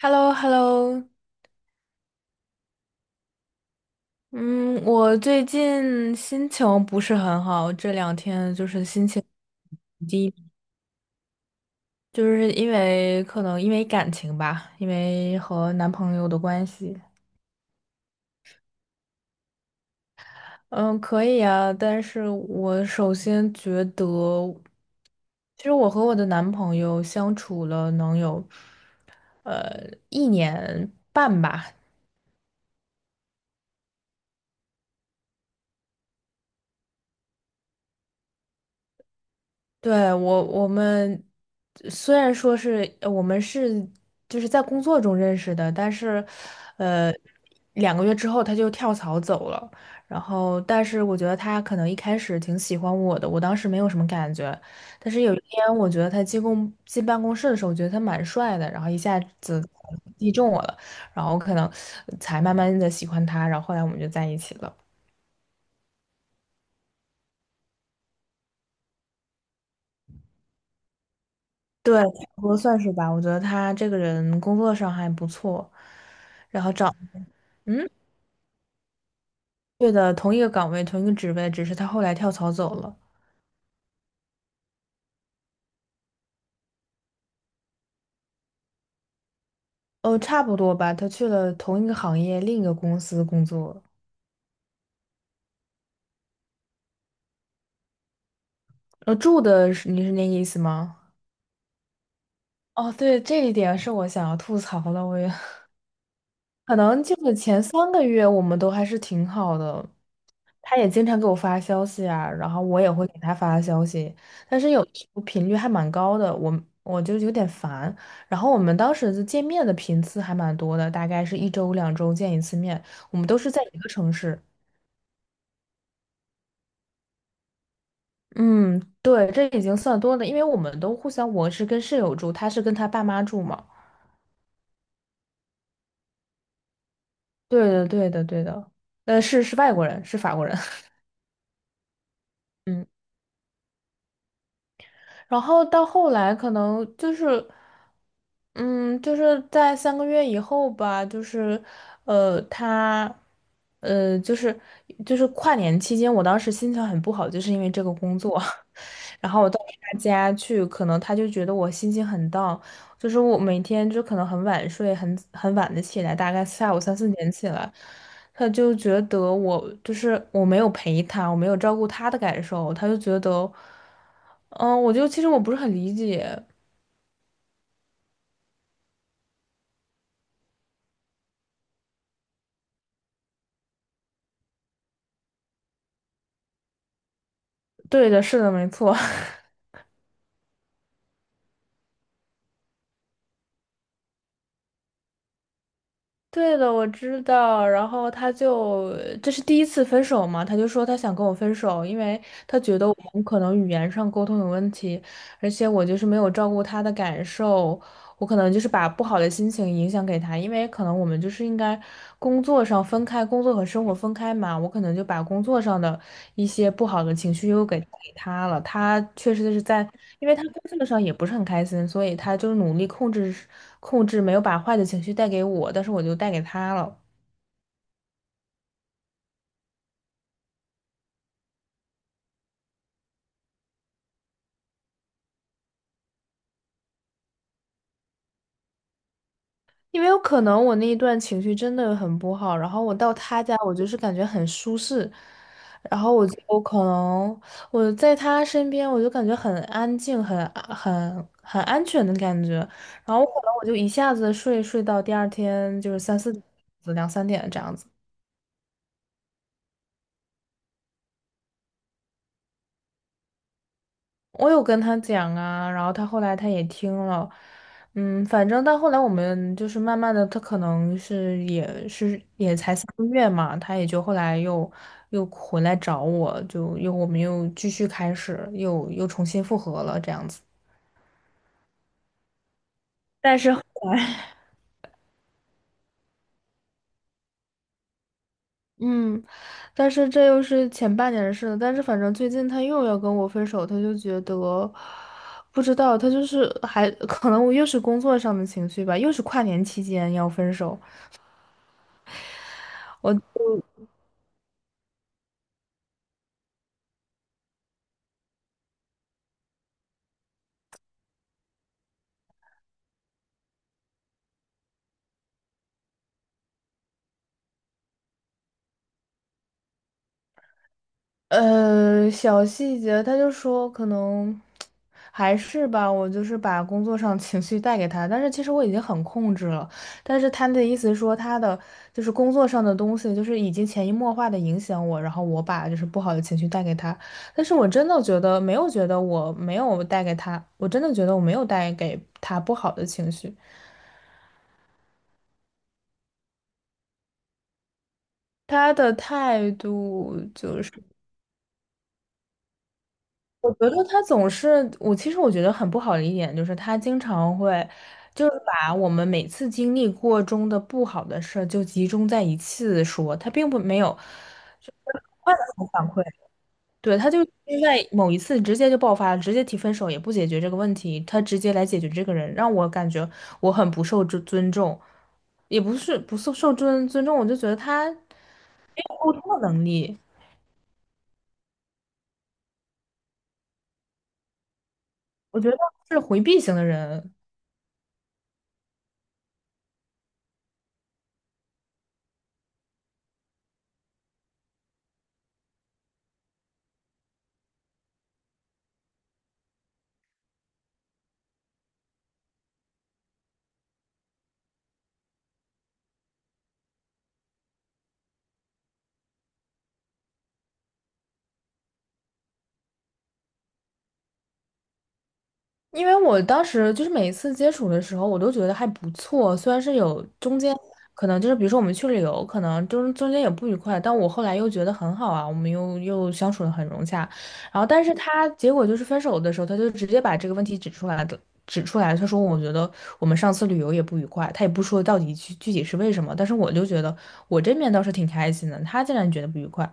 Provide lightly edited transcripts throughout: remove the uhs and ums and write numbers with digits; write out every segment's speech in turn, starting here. h e l l o hello 嗯，我最近心情不是很好，这两天就是心情低，就是因为可能因为感情吧，因为和男朋友的关系。嗯，可以啊，但是我首先觉得，其实我和我的男朋友相处了能有，呃，一年半吧。对，我们虽然说是我们是就是在工作中认识的，但是呃2个月之后他就跳槽走了。然后，但是我觉得他可能一开始挺喜欢我的，我当时没有什么感觉。但是有一天，我觉得他进办公室的时候，我觉得他蛮帅的，然后一下子击中我了，然后可能才慢慢的喜欢他，然后后来我们就在一起了。对，差不多算是吧。我觉得他这个人工作上还不错。嗯。对的，同一个岗位，同一个职位，只是他后来跳槽走了。差不多吧，他去了同一个行业，另一个公司工作。住的是你是那个意思吗？哦，对，这一点是我想要吐槽的，我也 可能就是前3个月我们都还是挺好的，他也经常给我发消息啊，然后我也会给他发消息，但是有时候频率还蛮高的，我就有点烦。然后我们当时就见面的频次还蛮多的，大概是一周两周见一次面，我们都是在一个城市。嗯，对，这已经算多的，因为我们都互相，我是跟室友住，他是跟他爸妈住嘛。对的，对的，对的。是是外国人，是法国人。嗯。然后到后来可能就是，嗯，就是在三个月以后吧，就是，呃，他，就是跨年期间，我当时心情很不好，就是因为这个工作，然后我到他家去，可能他就觉得我心情很 down,就是我每天就可能很晚睡，很晚的起来，大概下午三四点起来，他就觉得我就是我没有陪他，我没有照顾他的感受，他就觉得，嗯，我就其实我不是很理解。对的，是的，没错，对的，我知道。然后他就这是第一次分手嘛，他就说他想跟我分手，因为他觉得我们可能语言上沟通有问题，而且我就是没有照顾他的感受。我可能就是把不好的心情影响给他，因为可能我们就是应该工作上分开，工作和生活分开嘛。我可能就把工作上的一些不好的情绪又给他了。他确实是在，因为他工作上也不是很开心，所以他就努力控制控制，没有把坏的情绪带给我，但是我就带给他了。因为有可能我那一段情绪真的很不好，然后我到他家，我就是感觉很舒适，然后我就我可能我在他身边，我就感觉很安静，很安全的感觉，然后我可能我就一下子睡到第二天就是三四点两三点这样子。我有跟他讲啊，然后他后来他也听了，反正到后来我们就是慢慢的，他可能是也是也才三个月嘛，他也就后来又回来找我，就又我们又继续开始，又重新复合了这样子。但是后来，嗯，但是这又是前半年的事了。但是反正最近他又要跟我分手，他就觉得不知道，他就是还可能我又是工作上的情绪吧，又是跨年期间要分手。我小细节，他就说可能还是吧，我就是把工作上情绪带给他，但是其实我已经很控制了。但是他的意思是说，他的就是工作上的东西，就是已经潜移默化的影响我，然后我把就是不好的情绪带给他。但是我真的觉得没有觉得我没有带给他，我真的觉得我没有带给他不好的情绪。他的态度。就是。我觉得他总是，我其实我觉得很不好的一点就是他经常会，就是把我们每次经历过中的不好的事儿就集中在一次说，他并不没有换一种反馈，对，他就在某一次直接就爆发了，直接提分手也不解决这个问题，他直接来解决这个人，让我感觉我很不受尊重，也不是不受尊重，我就觉得他沟通的能力，我觉得是回避型的人，因为我当时就是每一次接触的时候，我都觉得还不错，虽然是有中间可能就是比如说我们去旅游，可能中间有不愉快，但我后来又觉得很好啊，我们又相处的很融洽。然后，但是他结果就是分手的时候，他就直接把这个问题指出来的，指出来，他说我觉得我们上次旅游也不愉快，他也不说到底体是为什么，但是我就觉得我这面倒是挺开心的，他竟然觉得不愉快。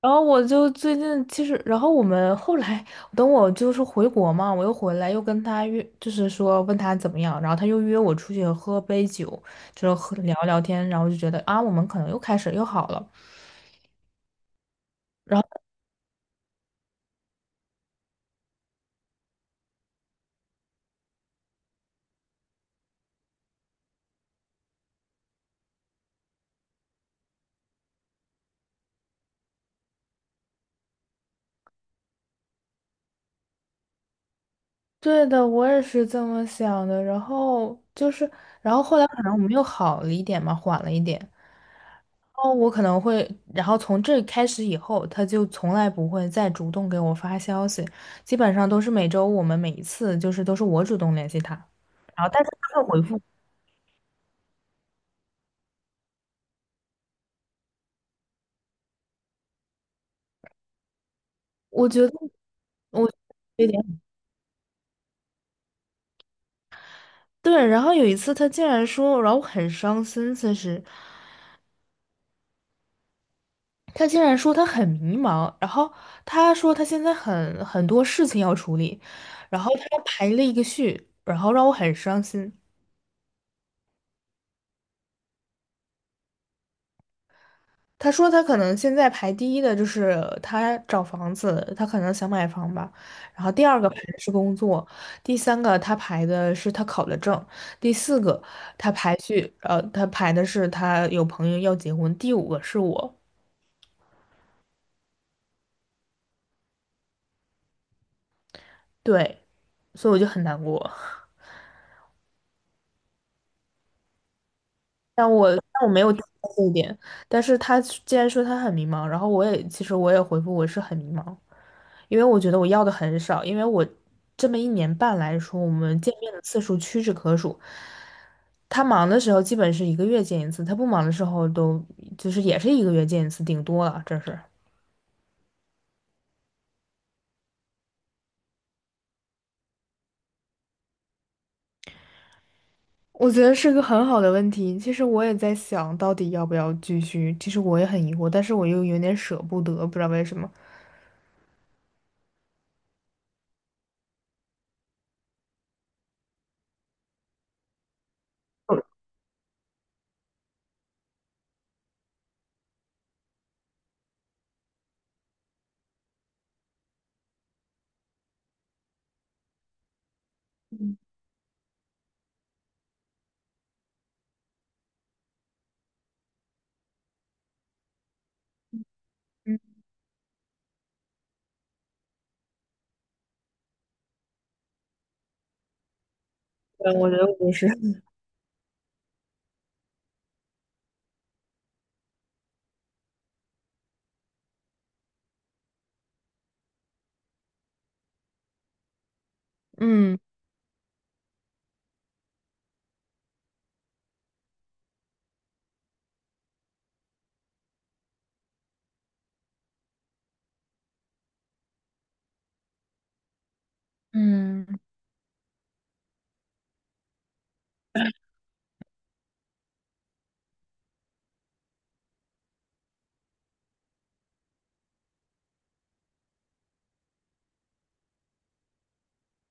然后我就最近其实，然后我们后来等我就是回国嘛，我又回来又跟他约，就是说问他怎么样，然后他又约我出去喝杯酒，就是喝聊聊天，然后就觉得啊，我们可能又开始又好了。对的，我也是这么想的。然后就是，然后后来可能我们又好了一点嘛，缓了一点。然后我可能会，然后从这开始以后，他就从来不会再主动给我发消息，基本上都是每周我们每一次就是都是我主动联系他，然后但是他会回复。我觉得我有点对，然后有一次他竟然说，然后我很伤心，其实。他竟然说他很迷茫，然后他说他现在很多事情要处理，然后他排了一个序，然后让我很伤心。他说他可能现在排第一的就是他找房子，他可能想买房吧，然后第二个排的是工作，第三个他排的是他考的证，第四个他排序，他排的是他有朋友要结婚，第五个是我，对，所以我就很难过。但我没有提到这一点，但是他既然说他很迷茫，然后我也其实我也回复我是很迷茫，因为我觉得我要的很少，因为我这么一年半来说，我们见面的次数屈指可数。他忙的时候基本是一个月见一次，他不忙的时候都就是也是一个月见一次，顶多了，这是。我觉得是个很好的问题。其实我也在想，到底要不要继续。其实我也很疑惑，但是我又有点舍不得，不知道为什么。嗯，对我觉得我也是。嗯。嗯。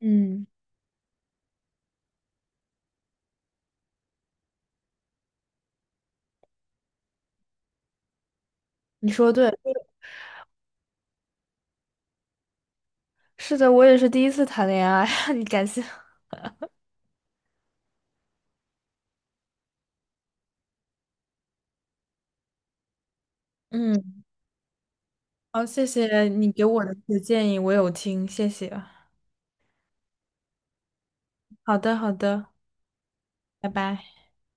嗯，你说对，这个是的，我也是第一次谈恋爱，你感谢。嗯，好，谢谢你给我的这些建议，我有听，谢谢。好的，好的，拜拜。